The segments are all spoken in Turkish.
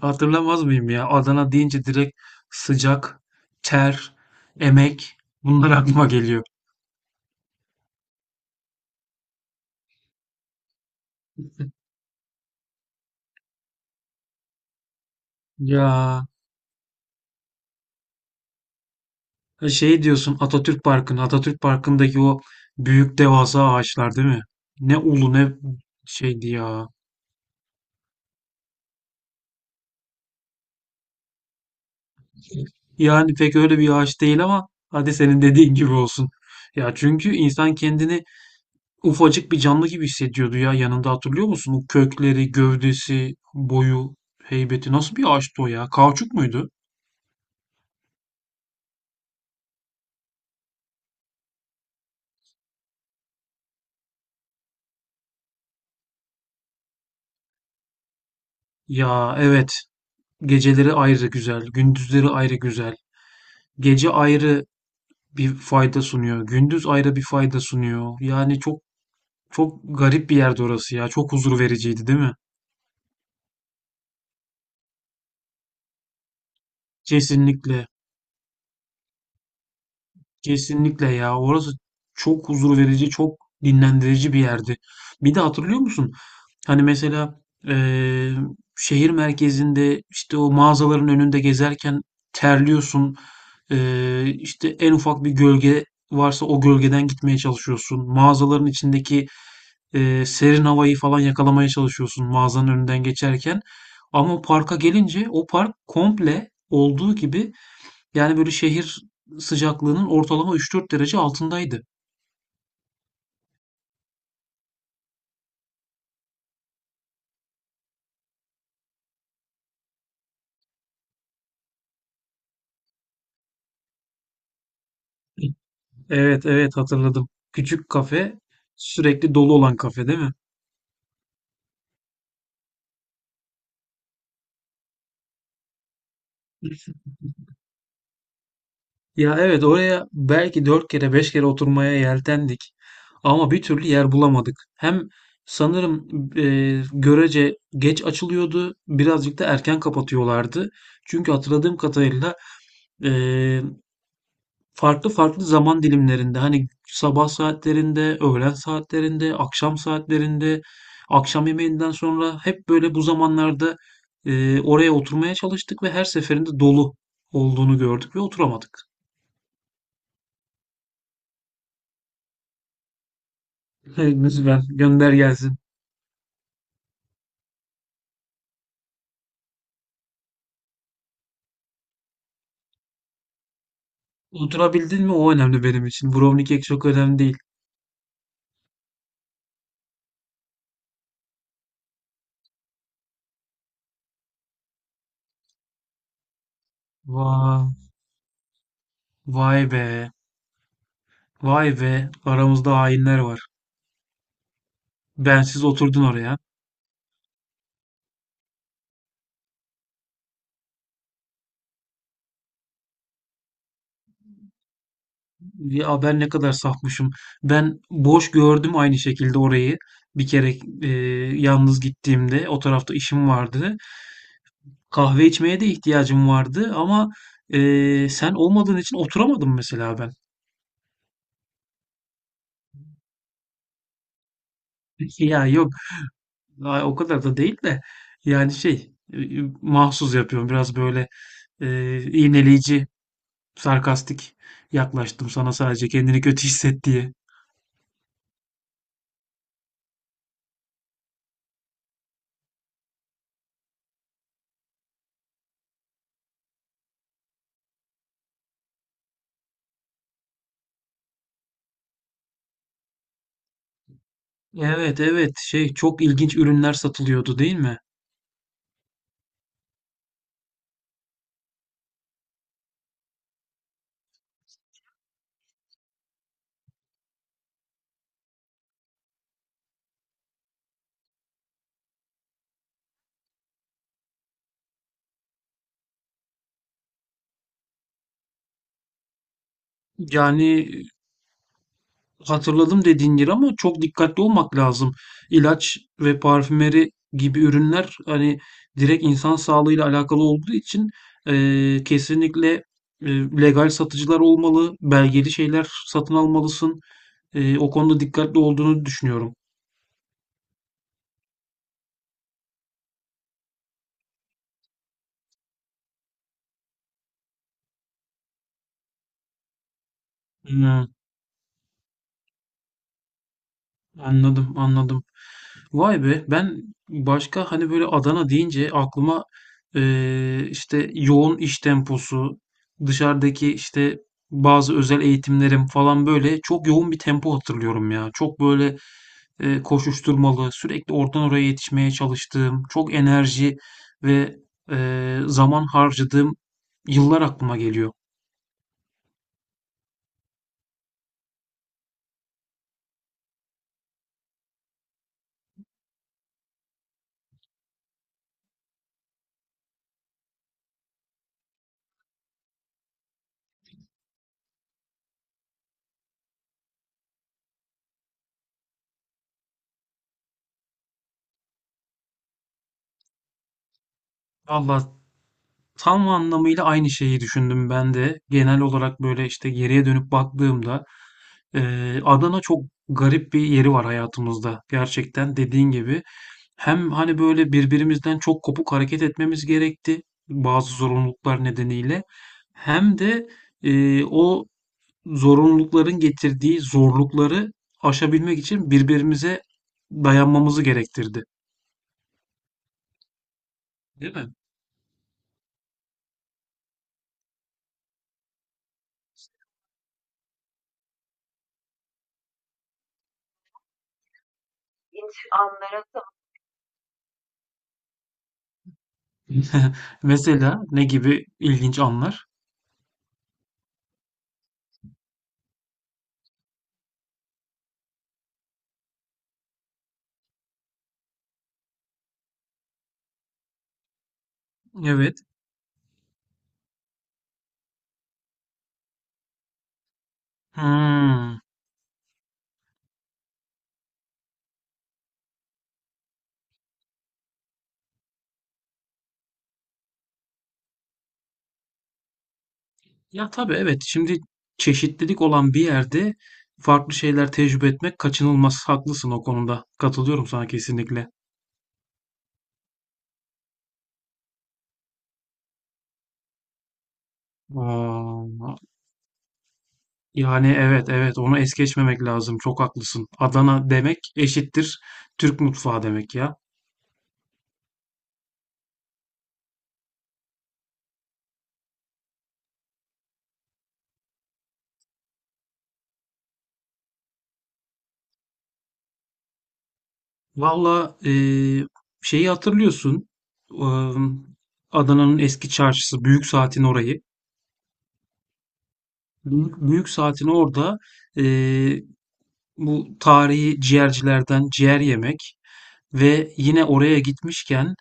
Hatırlamaz mıyım ya? Adana deyince direkt sıcak, ter, emek bunlar aklıma geliyor. Ya şey diyorsun Atatürk Parkı'nı, Atatürk Parkı'ndaki o büyük devasa ağaçlar değil mi? Ne ulu ne şeydi ya. Yani pek öyle bir ağaç değil ama hadi senin dediğin gibi olsun. Ya çünkü insan kendini ufacık bir canlı gibi hissediyordu ya yanında hatırlıyor musun? O kökleri, gövdesi, boyu, heybeti nasıl bir ağaçtı o ya? Kauçuk muydu? Ya, evet. Geceleri ayrı güzel, gündüzleri ayrı güzel. Gece ayrı bir fayda sunuyor, gündüz ayrı bir fayda sunuyor. Yani çok çok garip bir yerdi orası ya. Çok huzur vericiydi, değil mi? Kesinlikle. Kesinlikle ya. Orası çok huzur verici, çok dinlendirici bir yerdi. Bir de hatırlıyor musun? Hani, mesela, eee, şehir merkezinde, işte, o mağazaların önünde gezerken terliyorsun. İşte, en ufak bir gölge varsa o gölgeden gitmeye çalışıyorsun. Mağazaların içindeki, serin havayı falan yakalamaya çalışıyorsun mağazanın önünden geçerken. Ama parka gelince o park komple olduğu gibi, yani, böyle, şehir sıcaklığının ortalama 3-4 derece altındaydı. Evet, evet, hatırladım. Küçük kafe, sürekli dolu olan kafe, değil mi? Ya, evet, oraya belki dört kere beş kere oturmaya yeltendik ama bir türlü yer bulamadık. Hem sanırım görece geç açılıyordu, birazcık da erken kapatıyorlardı. Çünkü hatırladığım kadarıyla e, farklı farklı zaman dilimlerinde hani sabah saatlerinde, öğlen saatlerinde, akşam saatlerinde, akşam yemeğinden sonra hep böyle bu zamanlarda oraya oturmaya çalıştık ve her seferinde dolu olduğunu gördük ve oturamadık. Hey, lütfen gönder gelsin. Oturabildin mi? O önemli benim için. Brownie kek çok önemli değil. Vay, vay be. Vay be. Aramızda hainler var. Bensiz oturdun oraya. Ya ben ne kadar safmışım. Ben boş gördüm aynı şekilde orayı. Bir kere e, yalnız gittiğimde o tarafta işim vardı. Kahve içmeye de ihtiyacım vardı ama sen olmadığın için oturamadım mesela ben. Ya yok, ay, o kadar da değil de yani şey, mahsus yapıyorum biraz böyle iğneleyici, sarkastik yaklaştım sana sadece kendini kötü hisset diye. Evet, evet, şey, çok ilginç ürünler satılıyordu değil mi? Yani, hatırladım dediğin yeri ama çok dikkatli olmak lazım. İlaç ve parfümeri gibi ürünler hani direkt insan sağlığıyla alakalı olduğu için kesinlikle eee, legal satıcılar olmalı, belgeli şeyler satın almalısın. O konuda dikkatli olduğunu düşünüyorum. Hmm. Anladım, anladım. Vay be, ben başka hani böyle Adana deyince aklıma işte yoğun iş temposu, dışarıdaki işte bazı özel eğitimlerim falan böyle çok yoğun bir tempo hatırlıyorum ya. Çok böyle koşuşturmalı, sürekli oradan oraya yetişmeye çalıştığım, çok enerji ve zaman harcadığım yıllar aklıma geliyor. Allah! Tam anlamıyla aynı şeyi düşündüm ben de. Genel olarak böyle işte geriye dönüp baktığımda Adana çok garip bir yeri var hayatımızda. Gerçekten dediğin gibi hem hani böyle birbirimizden çok kopuk hareket etmemiz gerekti, bazı zorunluluklar nedeniyle. Hem de o zorunlulukların getirdiği zorlukları aşabilmek için birbirimize dayanmamızı gerektirdi. Değil mi? Mesela ne gibi ilginç anlar? Evet. Hmm. Ya, tabii, evet, şimdi çeşitlilik olan bir yerde farklı şeyler tecrübe etmek kaçınılmaz. Haklısın o konuda. Katılıyorum sana kesinlikle. Aa, yani, evet, evet, onu es geçmemek lazım. Çok haklısın. Adana demek eşittir Türk mutfağı demek ya. Valla, şeyi hatırlıyorsun. Am, Adana'nın eski çarşısı Büyük Saat'in orayı. Büyük Saat'in orada eee, bu tarihi ciğercilerden ciğer yemek. Ve yine oraya gitmişken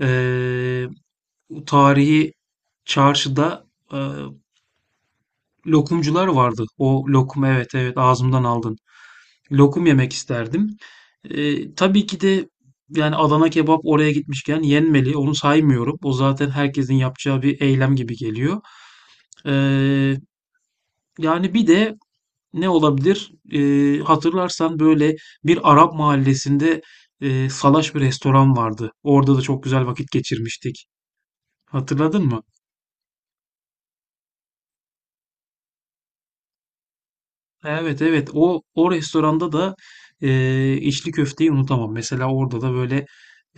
eee, tarihi çarşıda eee, lokumcular vardı. O lokum, evet, evet, ağzımdan aldın. Lokum yemek isterdim. Tabii ki de, yani Adana kebap oraya gitmişken yenmeli. Onu saymıyorum. O zaten herkesin yapacağı bir eylem gibi geliyor. Eee, yani bir de ne olabilir? Hatırlarsan böyle bir Arap mahallesinde salaş bir restoran vardı. Orada da çok güzel vakit geçirmiştik. Hatırladın mı? Evet, evet, o restoranda da içli köfteyi unutamam. Mesela orada da böyle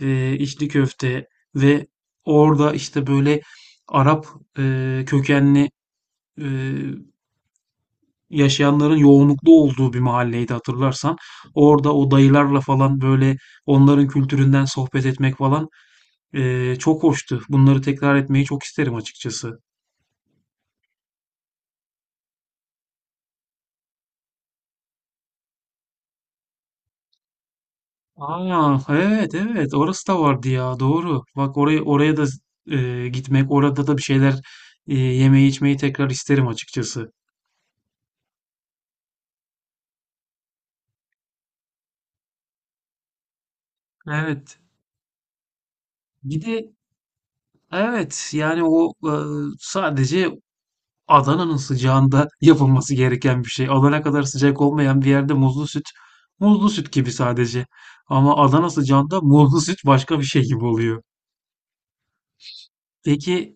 içli köfte ve orada işte böyle Arap kökenli e, yaşayanların yoğunluklu olduğu bir mahalleydi hatırlarsan. Orada o dayılarla falan böyle onların kültüründen sohbet etmek falan çok hoştu. Bunları tekrar etmeyi çok isterim açıkçası. Aa, evet, evet, orası da vardı ya, doğru. Bak, oraya da gitmek, orada da bir şeyler yemeği içmeyi tekrar isterim açıkçası. Evet. Bir de, evet, yani o, sadece Adana'nın sıcağında yapılması gereken bir şey. Adana kadar sıcak olmayan bir yerde muzlu süt muzlu süt gibi sadece. Ama Adana sıcağında muzlu süt başka bir şey gibi oluyor. Peki,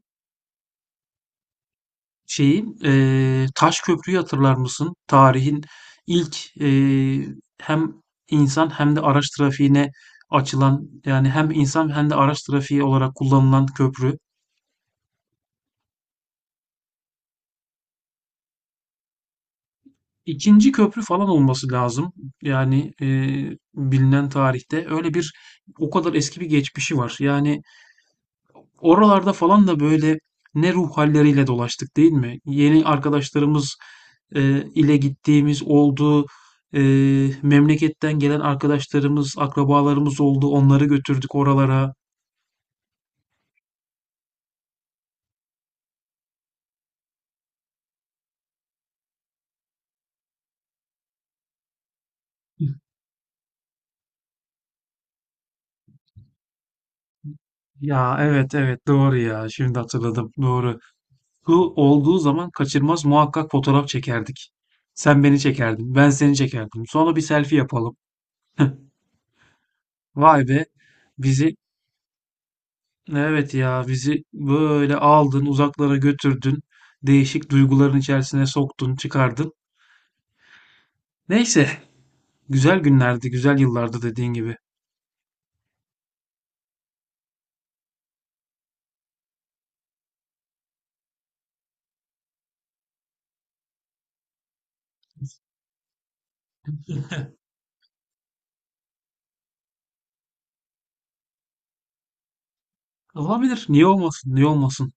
şeyi, Taş Köprü'yü hatırlar mısın? Tarihin ilk, hem insan hem de araç trafiğine açılan, yani hem insan hem de araç trafiği olarak kullanılan köprü. 2. köprü falan olması lazım. Yani, bilinen tarihte. Öyle bir o kadar eski bir geçmişi var. Yani, oralarda falan da böyle ne ruh halleriyle dolaştık değil mi? Yeni arkadaşlarımız ile gittiğimiz oldu. E, memleketten gelen arkadaşlarımız, akrabalarımız oldu. Onları götürdük oralara. Ya, evet, evet, doğru ya. Şimdi hatırladım. Doğru. Bu olduğu zaman kaçırmaz muhakkak fotoğraf çekerdik. Sen beni çekerdin, ben seni çekerdim. Sonra bir selfie yapalım. Vay be. Bizi Evet ya bizi böyle aldın uzaklara götürdün. Değişik duyguların içerisine soktun çıkardın. Neyse, güzel günlerdi, güzel yıllardı dediğin gibi. Olabilir, niye olmasın, niye olmasın.